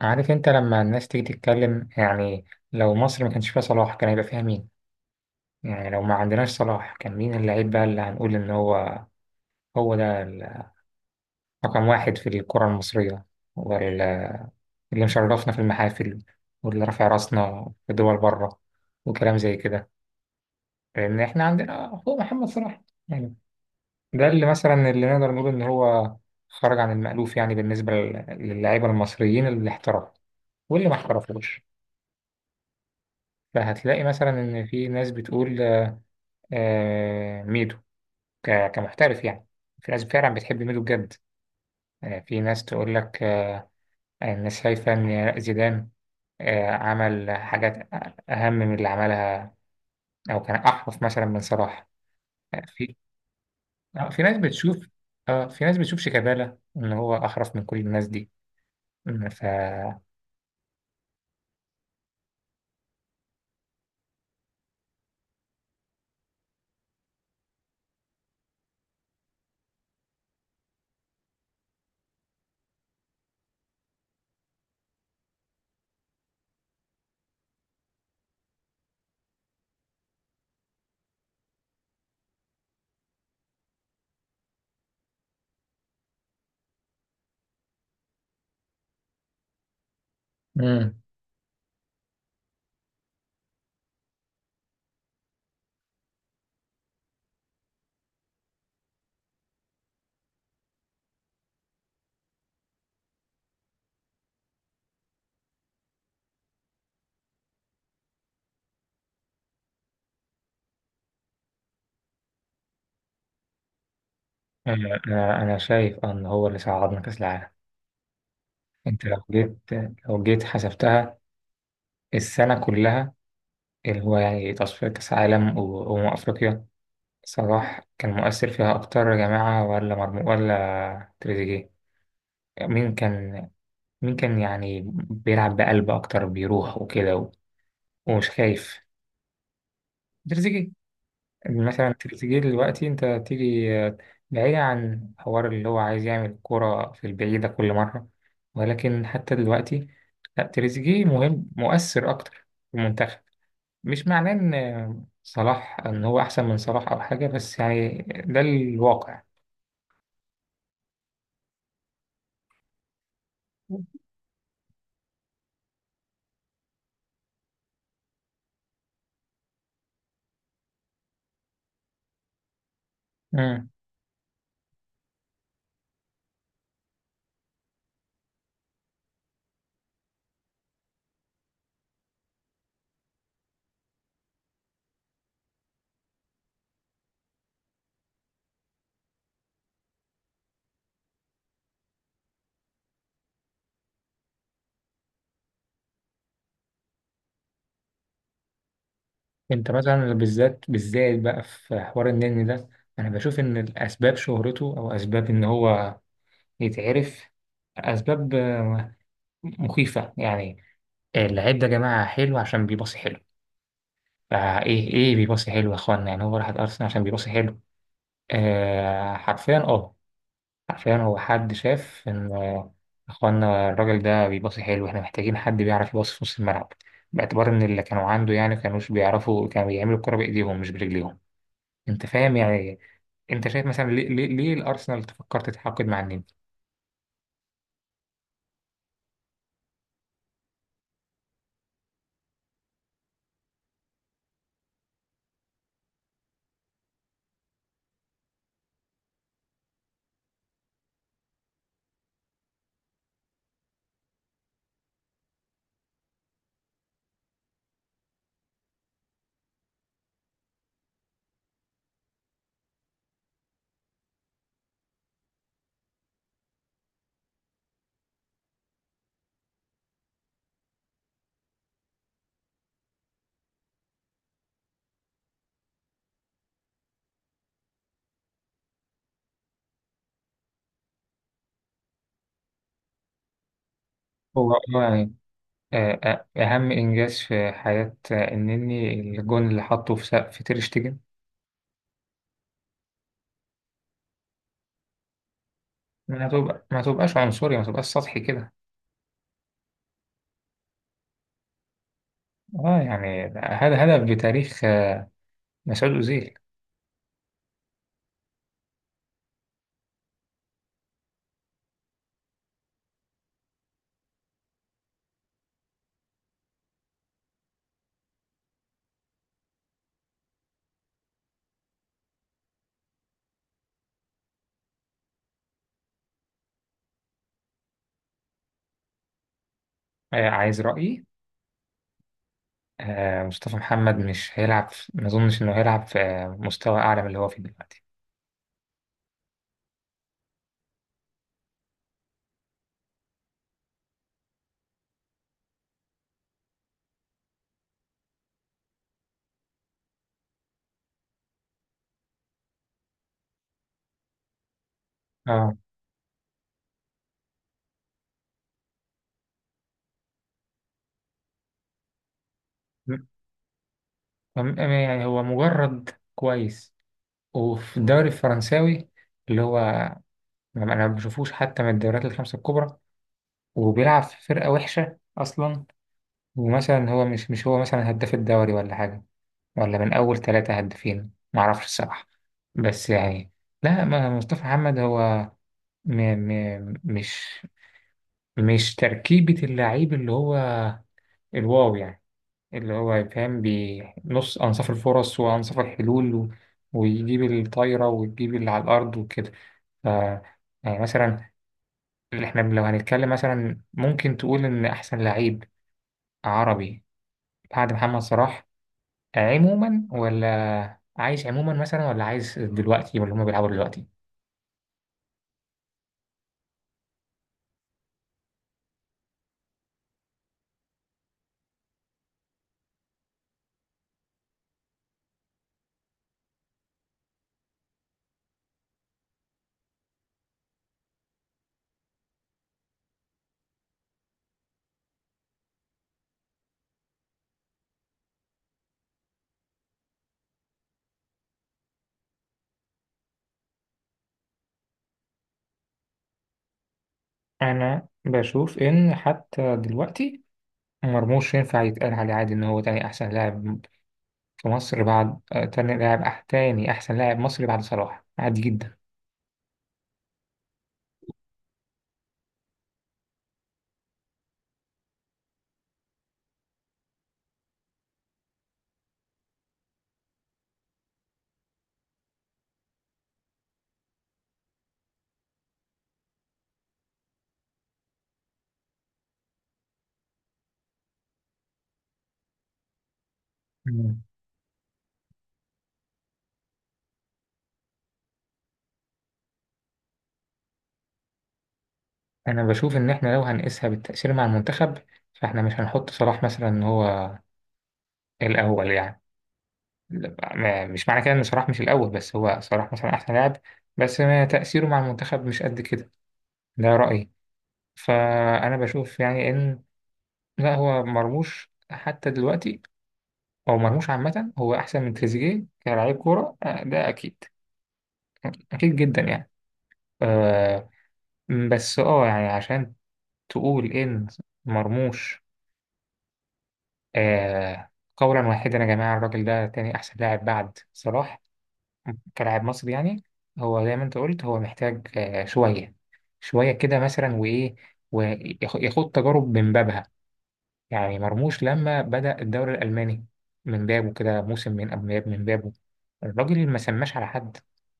عارف انت لما الناس تيجي تتكلم، يعني لو مصر ما كانش فيها صلاح كان هيبقى فيها مين؟ يعني لو ما عندناش صلاح كان مين اللعيب بقى اللي هنقول ان هو هو ده رقم 1 في الكرة المصرية، واللي مشرفنا في المحافل، واللي رافع راسنا في دول بره، وكلام زي كده، لان احنا عندنا هو محمد صلاح. يعني ده اللي نقدر نقول ان هو خرج عن المألوف، يعني بالنسبة للعيبة المصريين اللي احترفوا واللي ما احترفوش. فهتلاقي مثلا ان في ناس بتقول آه، ميدو كمحترف يعني. في ناس فعلا بتحب ميدو بجد. آه، في ناس تقول لك آه، الناس شايفة إن زيدان عمل حاجات أهم من اللي عملها، أو كان أحرف مثلا من صلاح. آه، في آه، في ناس بتشوف في ناس بتشوف شيكابالا إن هو أحرف من كل الناس دي. م، ف مم. أنا شايف إن هو اللي صعدنا كأس العالم. أنت لو جيت لو جيت حسبتها، السنة كلها اللي هو يعني تصفية كأس عالم وأمم أفريقيا، صلاح كان مؤثر فيها أكتر يا جماعة ولا ولا تريزيجيه؟ مين كان مين كان يعني بيلعب بقلب أكتر، بيروح وكده ومش خايف؟ تريزيجيه، مثلا تريزيجيه دلوقتي أنت تيجي بعيد عن حوار اللي هو عايز يعمل كرة في البعيدة كل مرة، ولكن حتى دلوقتي، لا، تريزيجيه مهم مؤثر أكتر في المنتخب. مش معناه إن صلاح، إن هو أحسن من صلاح أو حاجة، بس يعني ده الواقع. مم. أنت مثلا بالذات بالذات بقى في حوار النني ده، أنا بشوف إن الأسباب شهرته أو أسباب إن هو يتعرف، أسباب مخيفة يعني. اللعيب ده يا جماعة حلو عشان بيباصي حلو. فإيه إيه بيباصي حلو يا إخوانا؟ يعني هو راح أرسنال عشان بيباصي حلو؟ آه حرفيا، أه. عشان هو، حد شاف إن إخوانا الراجل ده بيباصي حلو، إحنا محتاجين حد بيعرف يباصي في نص الملعب، باعتبار إن اللي كانوا عنده يعني كانوش بيعرفوا، كانوا بيعملوا الكرة بإيديهم مش برجليهم. أنت فاهم يعني إيه؟ أنت شايف مثلا، ليه الأرسنال تفكر تتعاقد مع النني؟ هو يعني، أهم إنجاز في حياة النني، الجون اللي حطه في سقف في تير شتيجن. ما تبقاش عنصري، ما تبقاش سطحي كده. اه يعني هذا هدف بتاريخ مسعود أوزيل. آه، عايز رأيي؟ آه مصطفى محمد مش هيلعب في- ما أظنش إنه هيلعب في مستوى أعلى من اللي هو فيه دلوقتي. اه. م- يعني هو مجرد كويس، وفي الدوري الفرنساوي اللي هو، أنا ما بشوفوش حتى من الدوريات الخمسة الكبرى، وبيلعب في فرقة وحشة أصلا. ومثلا هو مش مش هو مثلا هداف الدوري ولا حاجة، ولا من أول ثلاثة هدافين، معرفش الصراحة. بس يعني لا، ما مصطفى محمد هو م م مش مش تركيبة اللعيب اللي هو الواو يعني، اللي هو يفهم بنص، أنصاف الفرص وأنصاف الحلول ويجيب الطايرة ويجيب اللي على الأرض وكده. ف يعني مثلا، اللي احنا لو هنتكلم مثلا، ممكن تقول إن أحسن لعيب عربي بعد محمد صلاح عموما، ولا عايز عموما مثلا، ولا عايز دلوقتي ولا هما بيلعبوا دلوقتي؟ أنا بشوف إن حتى دلوقتي، مرموش ينفع يتقال عليه عادي إن هو تاني أحسن لاعب في مصر بعد، تاني أحسن لاعب مصري بعد صلاح عادي جدا. مم. أنا بشوف إن إحنا لو هنقيسها بالتأثير مع المنتخب، فإحنا مش هنحط صلاح مثلا إن هو الأول يعني. لا، مش معنى كده إن صلاح مش الأول، بس هو صلاح مثلا أحسن لاعب، بس ما تأثيره مع المنتخب مش قد كده. ده رأيي. فأنا بشوف يعني إن، لا، هو مرموش حتى دلوقتي، أو مرموش عامة، هو أحسن من تريزيجيه كلاعب كورة، آه، ده أكيد، أكيد جدا يعني. آه، م، بس اه يعني عشان تقول ان مرموش، آه، قولا واحدا يا جماعة، الراجل ده تاني أحسن لاعب بعد صلاح كلاعب مصري يعني، هو زي ما أنت قلت، هو محتاج آه شوية، شوية كده مثلا، وإيه، وياخد تجارب من بابها. يعني مرموش لما بدأ الدوري الألماني من بابه كده، موسم من قبل من بابه، الراجل ما سماش على حد،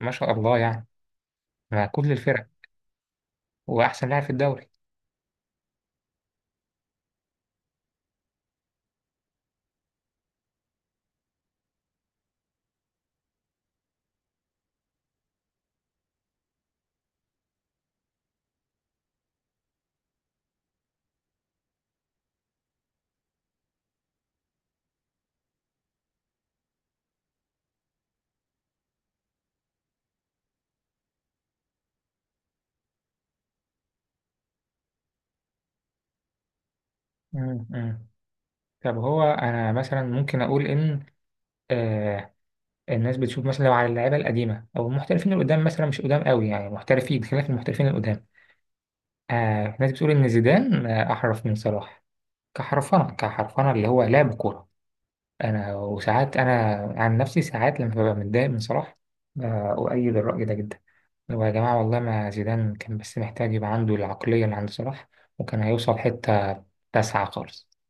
ما شاء الله يعني، مع كل الفرق وأحسن لاعب في الدوري. م- م. طب هو انا مثلا ممكن اقول ان آه، الناس بتشوف مثلا لو على اللعيبه القديمه او المحترفين القدام، مثلا مش قدام قوي يعني، محترفين خلاف المحترفين القدام، آه الناس بتقول ان زيدان آه احرف من صلاح، كحرفنه اللي هو لعب كوره. انا وساعات انا عن نفسي ساعات لما ببقى متضايق من صلاح آه اؤيد الراي ده جدا، اللي هو يا جماعه والله ما زيدان كان بس محتاج يبقى عنده العقليه اللي عند صلاح، وكان هيوصل حته 9 خالص.